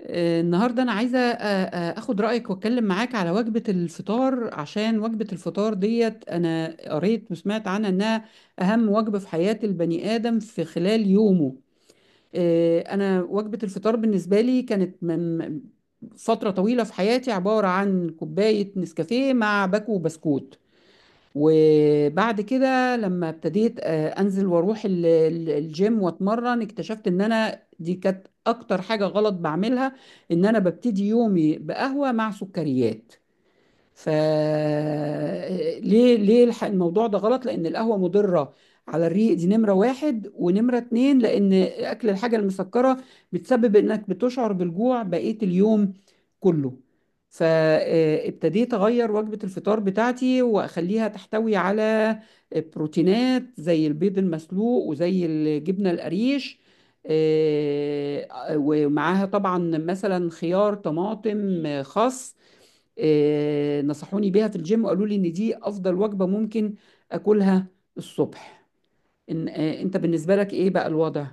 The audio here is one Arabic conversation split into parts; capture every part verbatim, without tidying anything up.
آه، النهارده انا عايزه آه، آه، اخد رايك واتكلم معاك على وجبه الفطار، عشان وجبه الفطار ديت انا قريت وسمعت عنها انها اهم وجبه في حياه البني ادم في خلال يومه. آه، انا وجبه الفطار بالنسبه لي كانت من فتره طويله في حياتي عباره عن كوبايه نسكافيه مع باكو وبسكوت، وبعد كده لما ابتديت آه، انزل واروح ال- ال- الجيم واتمرن اكتشفت ان انا دي كانت اكتر حاجة غلط بعملها، ان انا ببتدي يومي بقهوة مع سكريات. فليه ليه الح- الموضوع ده غلط؟ لأن القهوة مضرة على الريق، دي نمرة واحد، ونمرة اتنين لأن أكل الحاجة المسكرة بتسبب إنك بتشعر بالجوع بقية اليوم كله. فابتديت أغير وجبة الفطار بتاعتي وأخليها تحتوي على بروتينات زي البيض المسلوق وزي الجبنة القريش، آه، آه، ومعاها طبعا مثلا خيار، طماطم، آه، خس. آه، نصحوني بيها في الجيم وقالوا لي ان دي افضل وجبة ممكن اكلها الصبح. إن آه، انت بالنسبة لك ايه بقى الوضع؟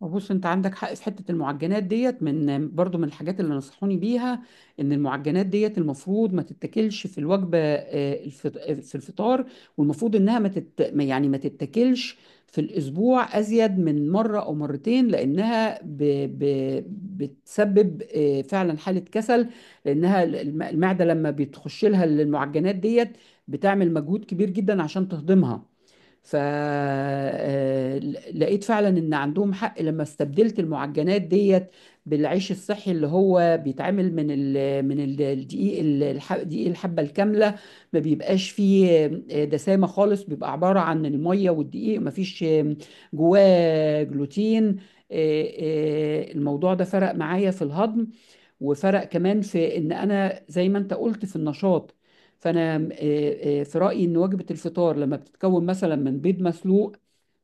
بص، انت عندك حق في حته المعجنات ديت، من برضو من الحاجات اللي نصحوني بيها ان المعجنات ديت المفروض ما تتاكلش في الوجبه آه، الفط- آه، في الفطار، والمفروض انها ما تت... ما- يعني ما تتاكلش في الاسبوع ازيد من مره او مرتين، لانها ب... ب... بتسبب آه، فعلا حاله كسل، لانها الم- المعده لما بتخش لها المعجنات ديت بتعمل مجهود كبير جدا عشان تهضمها. فلقيت فعلا ان عندهم حق لما استبدلت المعجنات ديت بالعيش الصحي، اللي هو بيتعمل من ال من ال- الدقيق، ال- الح- دقيق الحبه الكامله. ما بيبقاش فيه آه، دسامه خالص، بيبقى عباره عن الميه والدقيق، ما فيش آه، جواه جلوتين. آه، آه، الموضوع ده فرق معايا في الهضم، وفرق كمان في ان انا زي ما انت قلت في النشاط. فانا آه، آه، في رايي ان وجبه الفطار لما بتتكون مثلا من بيض مسلوق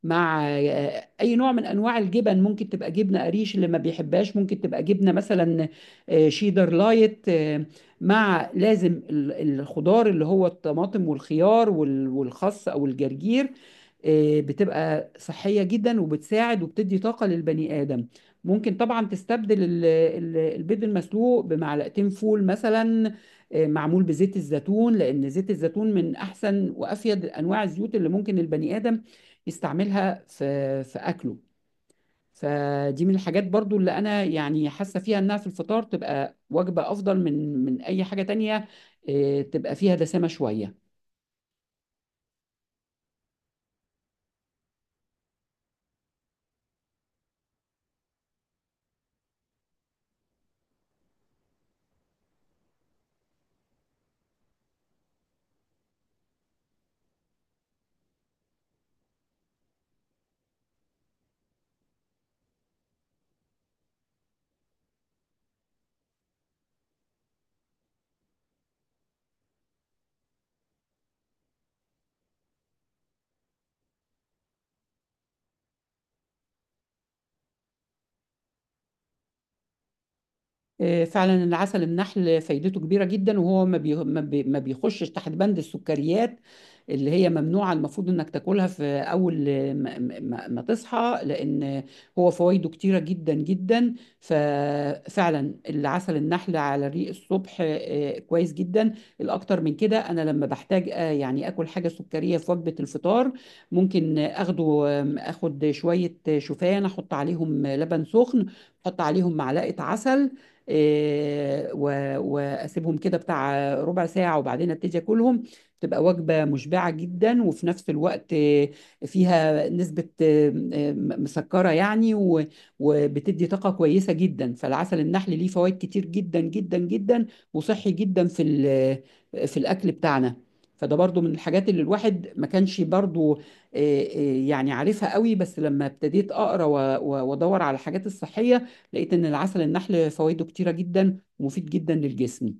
مع آه، اي نوع من انواع الجبن، ممكن تبقى جبنه قريش، اللي ما بيحبهاش ممكن تبقى جبنه مثلا آه، شيدر لايت، آه، مع لازم ال- الخضار اللي هو الطماطم والخيار وال- والخس او الجرجير، آه، بتبقى صحيه جدا وبتساعد وبتدي طاقه للبني ادم. ممكن طبعا تستبدل ال- ال- البيض المسلوق بمعلقتين فول مثلا، آه، معمول بزيت الزيتون، لان زيت الزيتون من احسن وافيد انواع الزيوت اللي ممكن البني ادم يستعملها في في اكله. فدي من الحاجات برضو اللي انا يعني حاسه فيها انها في الفطار تبقى وجبه افضل من من اي حاجه تانية، آه، تبقى فيها دسامه شويه. آه، فعلا العسل النحل فايدته كبيرة جدا، وهو ما بي... ما بي... ما بيخشش تحت بند السكريات اللي هي ممنوعة المفروض انك تاكلها في اول آه، ما, ما... ما تصحى، لان هو فوائده كتيرة جدا جدا. ففعلا العسل النحل على الريق الصبح آه، كويس جدا. الاكتر من كده انا لما بحتاج آه، يعني اكل حاجة سكرية في وجبة الفطار، ممكن اخده آم، اخد شوية شوفان، احط عليهم لبن سخن، احط عليهم معلقة عسل إيه، و- واسيبهم كده بتاع ربع ساعه، وبعدين ابتدي اكلهم. تبقى وجبه مشبعه جدا، وفي نفس الوقت إيه، فيها نسبه إيه، م- مسكره يعني، و- وبتدي طاقه كويسه جدا. فالعسل النحل ليه فوائد كتير جدا جدا جدا، وصحي جدا في ال- في الاكل بتاعنا. فده برضو من الحاجات اللي الواحد ما كانش برضو إيه، إيه، يعني عارفها قوي، بس لما ابتديت اقرا و- و- وادور على الحاجات الصحيه لقيت ان العسل النحل فوائده كتيره جدا ومفيد جدا للجسم.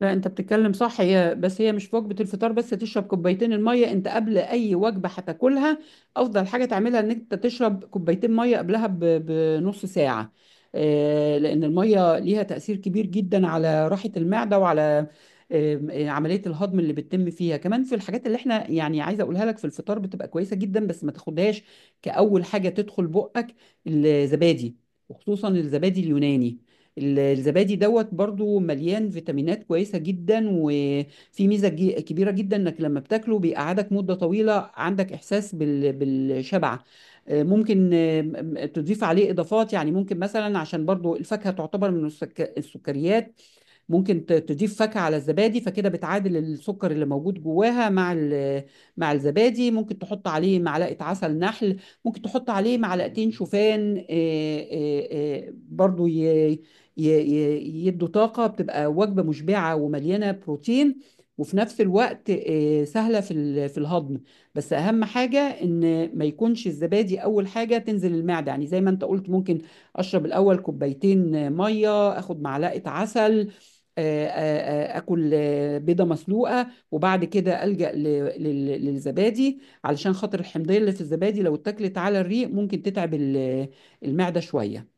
لا، انت بتتكلم صح، هي بس هي مش في وجبه الفطار بس تشرب كوبايتين الميه، انت قبل اي وجبه هتاكلها افضل حاجه تعملها ان انت تشرب كوبايتين ميه قبلها ب- بنص ساعه، آه، لان الميه ليها تاثير كبير جدا على راحه المعده وعلى آم، آه، عمليه الهضم اللي بتتم فيها. كمان في الحاجات اللي احنا يعني عايزه اقولها لك في الفطار بتبقى كويسه جدا، بس ما تاخدهاش كاول حاجه تدخل بقك: الزبادي، وخصوصا الزبادي اليوناني. ال- الزبادي دوت برضو مليان فيتامينات كويسة جدا، وفي ميزة جي- كبيرة جدا انك لما بتاكله بيقعدك مدة طويلة عندك احساس بال- بالشبع. آه، ممكن آه، م- م- تضيف عليه اضافات، يعني ممكن مثلا عشان برضو الفاكهة تعتبر من السك- السكريات، ممكن ت- تضيف فاكهة على الزبادي، فكده بتعادل السكر اللي موجود جواها مع ال- مع الزبادي. ممكن تحط عليه معلقة عسل نحل، ممكن تحط عليه معلقتين شوفان، آه، آه، آه، برضو ي- ي- ي- يدوا طاقة، بتبقى وجبة مشبعة ومليانة بروتين، وفي نفس الوقت آه، سهلة في ال- في الهضم. بس أهم حاجة إن ما يكونش الزبادي أول حاجة تنزل المعدة، يعني زي ما أنت قلت ممكن أشرب الأول كوبايتين مية، أخد معلقة عسل، آه، آه، آه، اكل آه، بيضه مسلوقه، وبعد كده الجا ل- لل- للزبادي، علشان خاطر الحمضيه اللي في الزبادي لو اتاكلت على الريق ممكن تتعب ال- المعده شويه.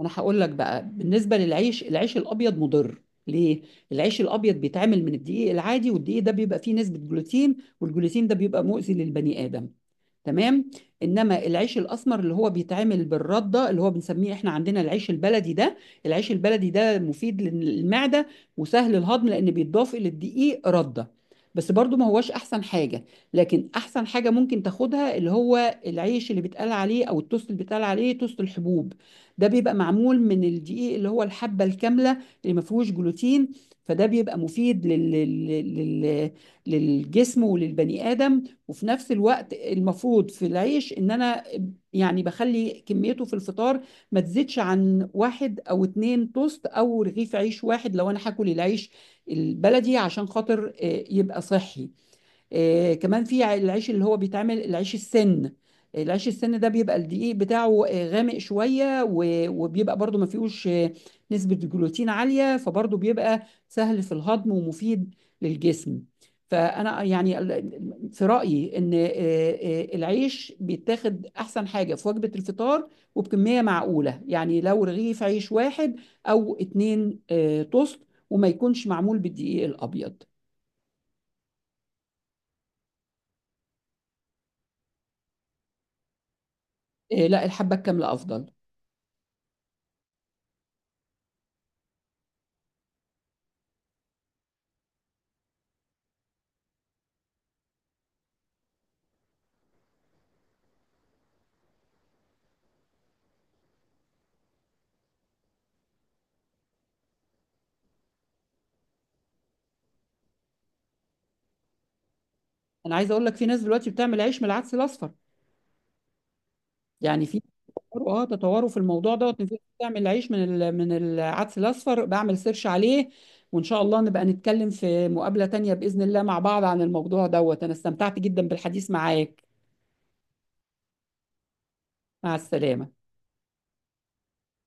انا هقول لك بقى بالنسبه للعيش: العيش الابيض مضر. ليه؟ العيش الابيض بيتعمل من الدقيق العادي، والدقيق ده بيبقى فيه نسبه جلوتين، والجلوتين ده بيبقى مؤذي للبني ادم، تمام؟ انما العيش الاسمر اللي هو بيتعمل بالرده، اللي هو بنسميه احنا عندنا العيش البلدي ده، العيش البلدي ده مفيد للمعده وسهل الهضم، لان بيتضاف الى الدقيق رده. بس برضو ما هوش احسن حاجه، لكن احسن حاجه ممكن تاخدها اللي هو العيش اللي بيتقال عليه او التوست اللي بيتقال عليه توست الحبوب، ده بيبقى معمول من الدقيق اللي هو الحبه الكامله، اللي ما فيهوش جلوتين، فده بيبقى مفيد لل... لل... لل... للجسم وللبني ادم. وفي نفس الوقت المفروض في العيش ان انا يعني بخلي كميته في الفطار ما تزيدش عن واحد او اتنين توست، او رغيف عيش واحد لو انا هاكل العيش البلدي، عشان خاطر آه، يبقى صحي. آه، كمان في ع- العيش اللي هو بيتعمل العيش السن، العيش السن ده بيبقى الدقيق بتاعه آه، غامق شوية، و- وبيبقى برضو ما فيهوش آه، نسبة الجلوتين عالية، فبرضو بيبقى سهل في الهضم ومفيد للجسم. فأنا يعني ال- في رأيي إن آه، آه، العيش بيتاخد أحسن حاجة في وجبة الفطار، وبكمية معقولة، يعني لو رغيف عيش واحد أو اتنين آه، توست، وما يكونش معمول بالدقيق الأبيض. آه، لا، الحبة الكاملة أفضل. انا عايز اقول لك في ناس دلوقتي بتعمل عيش من العدس الاصفر، يعني في تطوروا- اه تطوروا في الموضوع دوت، ان في ناس بتعمل عيش من ال- من العدس الاصفر، بعمل سيرش عليه. وان شاء الله نبقى نتكلم في مقابلة تانية باذن الله مع بعض عن الموضوع دوت. انا استمتعت جدا بالحديث معاك. مع السلامة.